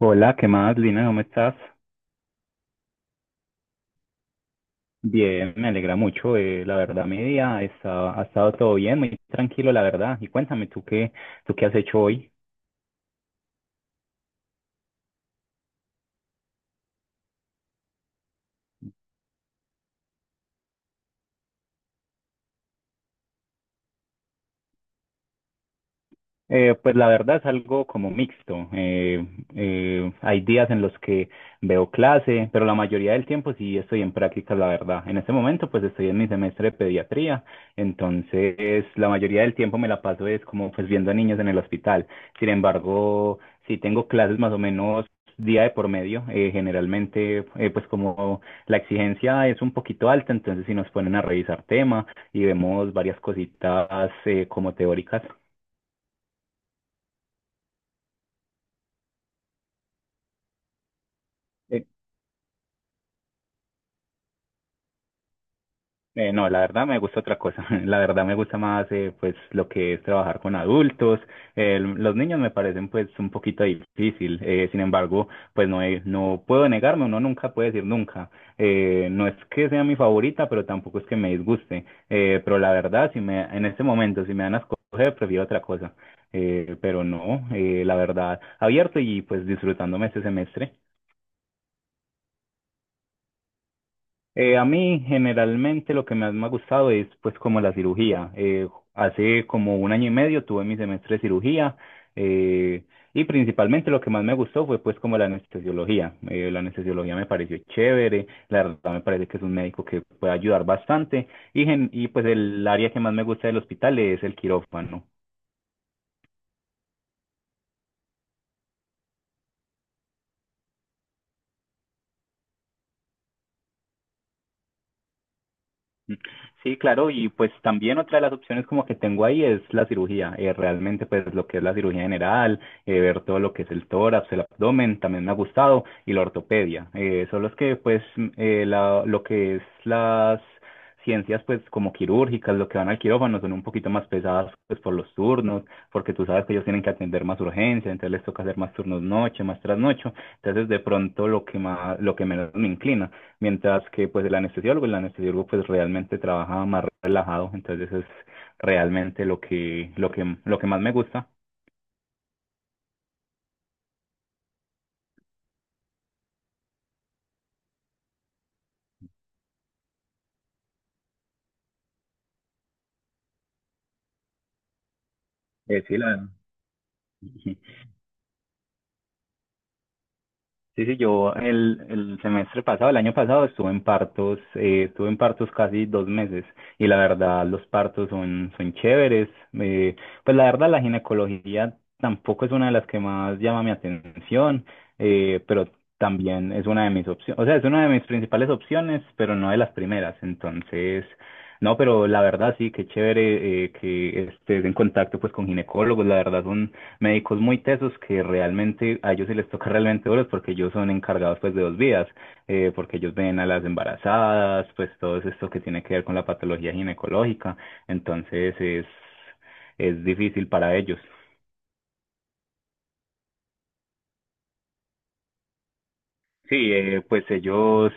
Hola, ¿qué más, Lina? ¿Cómo estás? Bien, me alegra mucho. La verdad, mi día ha estado todo bien, muy tranquilo, la verdad. Y cuéntame, ¿tú qué has hecho hoy? Pues la verdad es algo como mixto. Hay días en los que veo clase, pero la mayoría del tiempo sí estoy en práctica, la verdad. En este momento pues estoy en mi semestre de pediatría, entonces la mayoría del tiempo me la paso es como pues viendo a niños en el hospital. Sin embargo, sí tengo clases más o menos día de por medio. Generalmente pues como la exigencia es un poquito alta, entonces sí nos ponen a revisar tema y vemos varias cositas como teóricas. eh, no, la verdad me gusta otra cosa. La verdad me gusta más pues lo que es trabajar con adultos. Los niños me parecen pues un poquito difícil. Sin embargo, pues no puedo negarme, uno nunca puede decir nunca. No es que sea mi favorita, pero tampoco es que me disguste. Pero la verdad, si me en este momento si me dan a escoger, prefiero otra cosa. Pero no, la verdad, abierto y pues disfrutándome este semestre. A mí generalmente lo que más me ha gustado es pues como la cirugía. Hace como un año y medio tuve mi semestre de cirugía eh, y principalmente lo que más me gustó fue pues como la anestesiología. La anestesiología me pareció chévere, la verdad me parece que es un médico que puede ayudar bastante y, y pues el área que más me gusta del hospital es el quirófano. Sí, claro, y pues también otra de las opciones como que tengo ahí es la cirugía, realmente pues lo que es la cirugía general, ver todo lo que es el tórax, el abdomen, también me ha gustado, y la ortopedia, son los que pues lo que es las ciencias pues como quirúrgicas, lo que van al quirófano son un poquito más pesadas pues por los turnos, porque tú sabes que ellos tienen que atender más urgencia, entonces les toca hacer más turnos noche, más trasnocho, entonces de pronto lo que menos me inclina. Mientras que pues el anestesiólogo pues realmente trabaja más relajado, entonces es realmente lo que más me gusta. Eh, sí, la, Sí, sí, el semestre pasado, el año pasado, estuve en partos casi dos meses y la verdad los partos son chéveres. eh, pues la verdad la ginecología tampoco es una de las que más llama mi atención, pero también es una de mis opciones, o sea, es una de mis principales opciones, pero no de las primeras. Entonces, no, pero la verdad sí, qué chévere que estés en contacto pues con ginecólogos, la verdad son médicos muy tesos que realmente a ellos sí les toca realmente duros porque ellos son encargados pues de dos vías, porque ellos ven a las embarazadas, pues todo esto que tiene que ver con la patología ginecológica, entonces es difícil para ellos. Sí, pues ellos,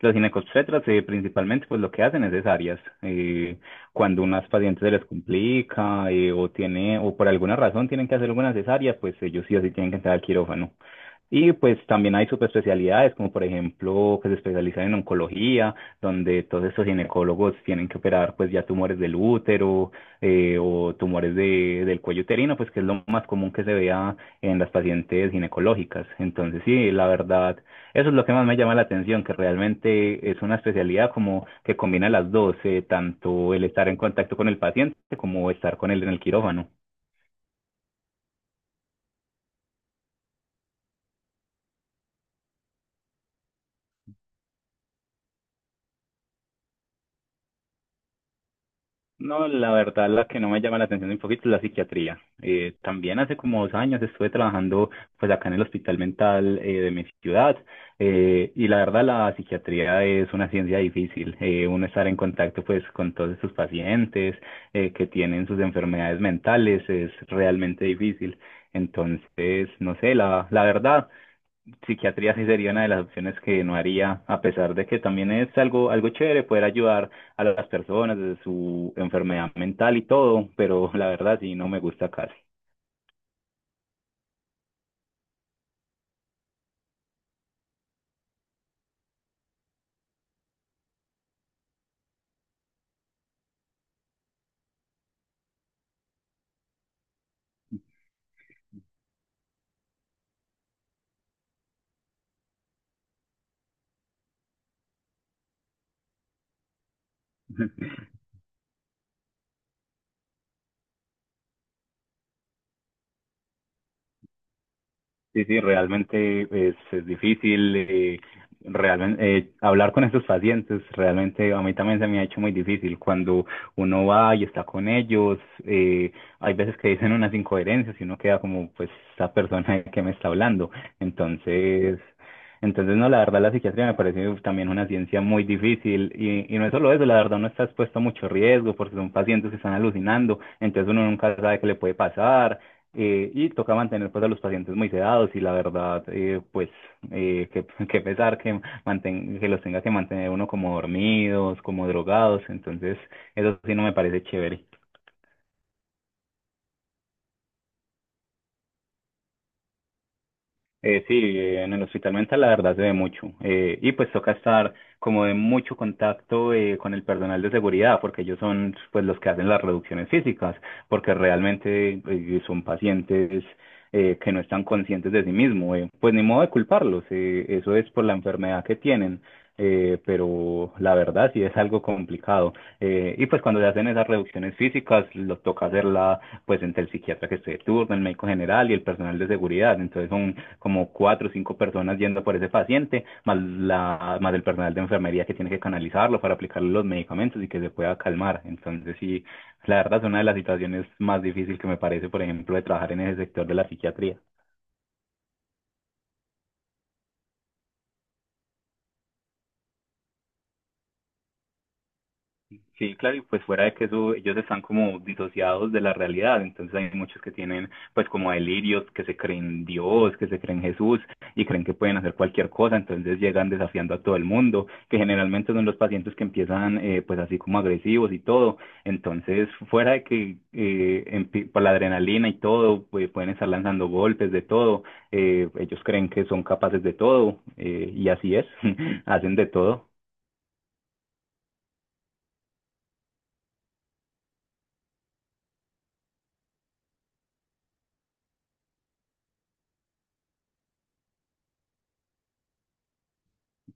los ginecobstetras, principalmente, pues lo que hacen es cesáreas. Cuando unas pacientes se les complica o por alguna razón tienen que hacer alguna cesárea, pues ellos sí o sí tienen que entrar al quirófano. Y pues también hay subespecialidades, como por ejemplo, que se especializan en oncología, donde todos estos ginecólogos tienen que operar pues ya tumores del útero o tumores del cuello uterino, pues que es lo más común que se vea en las pacientes ginecológicas. Entonces, sí, la verdad eso es lo que más me llama la atención, que realmente es una especialidad como que combina las dos, tanto el estar en contacto con el paciente como estar con él en el quirófano. No, la verdad, la que no me llama la atención un poquito es la psiquiatría. También hace como dos años estuve trabajando pues acá en el hospital mental de mi ciudad y la verdad la psiquiatría es una ciencia difícil. Uno estar en contacto pues con todos sus pacientes que tienen sus enfermedades mentales es realmente difícil. Entonces, no sé, la verdad psiquiatría sí sería una de las opciones que no haría, a pesar de que también es algo, algo chévere poder ayudar a las personas de su enfermedad mental y todo, pero la verdad sí no me gusta casi. Sí, sí, realmente es difícil realmente hablar con esos pacientes. Realmente a mí también se me ha hecho muy difícil cuando uno va y está con ellos. eh, Hay veces que dicen unas incoherencias y uno queda como, pues, esta persona que me está hablando. Entonces, entonces no, la verdad la psiquiatría me parece también una ciencia muy difícil y no es solo eso, la verdad uno está expuesto a mucho riesgo porque son pacientes que están alucinando, entonces uno nunca sabe qué le puede pasar y toca mantener pues a los pacientes muy sedados y la verdad, que pesar que los tenga que mantener uno como dormidos, como drogados, entonces eso sí no me parece chévere. Sí, en el hospital mental la verdad se ve mucho. Y pues toca estar como de mucho contacto con el personal de seguridad, porque ellos son pues los que hacen las reducciones físicas, porque realmente son pacientes que no están conscientes de sí mismos. Eh, pues ni modo de culparlos, eso es por la enfermedad que tienen pero la verdad sí es algo complicado. Y pues cuando se hacen esas reducciones físicas, lo toca hacerla pues entre el psiquiatra que esté de turno, el médico general y el personal de seguridad. Entonces son como cuatro o cinco personas yendo por ese paciente, más el personal de enfermería que tiene que canalizarlo para aplicarle los medicamentos y que se pueda calmar. Entonces sí, la verdad es una de las situaciones más difíciles que me parece, por ejemplo, de trabajar en ese sector de la psiquiatría. Sí, claro, y pues fuera de que eso, ellos están como disociados de la realidad, entonces hay muchos que tienen pues como delirios, que se creen Dios, que se creen Jesús y creen que pueden hacer cualquier cosa, entonces llegan desafiando a todo el mundo, que generalmente son los pacientes que empiezan pues así como agresivos y todo, entonces fuera de que por la adrenalina y todo, pues pueden estar lanzando golpes de todo, ellos creen que son capaces de todo y así es, hacen de todo.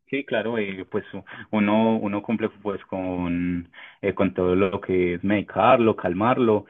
Sí, claro, pues uno cumple pues con todo lo que es medicarlo, calmarlo,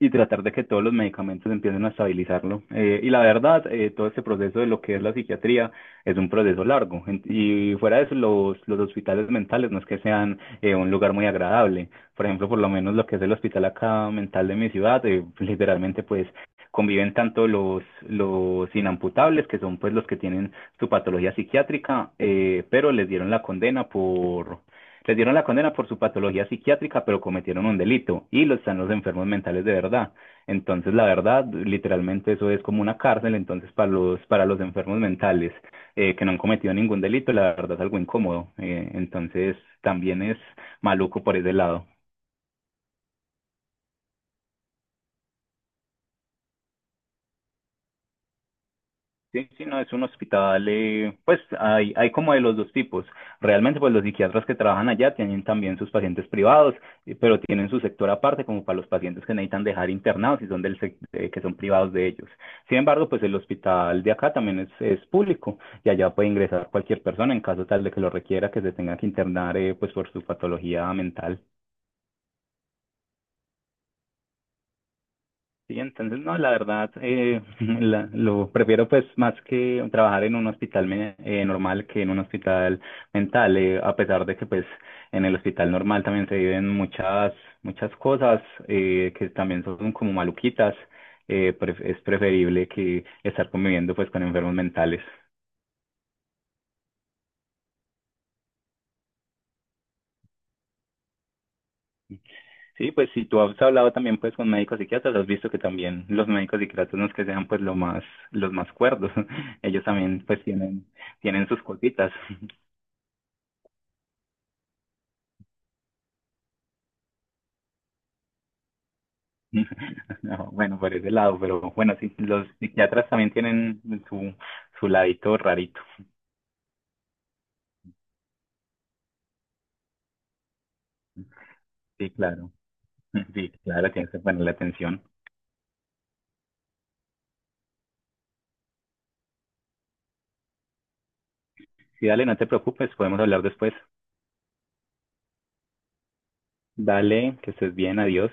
y tratar de que todos los medicamentos empiecen a estabilizarlo. Y la verdad, todo este proceso de lo que es la psiquiatría es un proceso largo. Y fuera de eso, los hospitales mentales no es que sean un lugar muy agradable. Por ejemplo, por lo menos lo que es el hospital acá mental de mi ciudad, literalmente pues conviven tanto los inamputables, que son pues los que tienen su patología psiquiátrica, pero les dieron la condena por Retiraron la condena por su patología psiquiátrica, pero cometieron un delito y lo están los enfermos mentales de verdad. Entonces, la verdad, literalmente eso es como una cárcel, entonces para para los enfermos mentales que no han cometido ningún delito, la verdad es algo incómodo. Entonces, también es maluco por ese lado. Sí, sí, no, es un hospital, pues hay como de los dos tipos. Realmente, pues los psiquiatras que trabajan allá tienen también sus pacientes privados, pero tienen su sector aparte, como para los pacientes que necesitan dejar internados y son que son privados de ellos. Sin embargo, pues el hospital de acá también es público y allá puede ingresar cualquier persona en caso tal de que lo requiera, que se tenga que internar, pues por su patología mental. Sí, entonces no, la verdad, lo prefiero pues más que trabajar en un hospital normal que en un hospital mental, a pesar de que pues en el hospital normal también se viven muchas, muchas cosas que también son como maluquitas, es preferible que estar conviviendo pues con enfermos mentales. Sí, pues si tú has hablado también pues con médicos psiquiatras, has visto que también los médicos psiquiatras no es que sean pues los más cuerdos, ellos también pues tienen, tienen sus cositas. No, bueno, por ese lado, pero bueno, sí, los psiquiatras también tienen su, su ladito rarito. Sí, claro. Sí, claro, tienes que ponerle atención. Sí, dale, no te preocupes, podemos hablar después. Dale, que estés bien, adiós.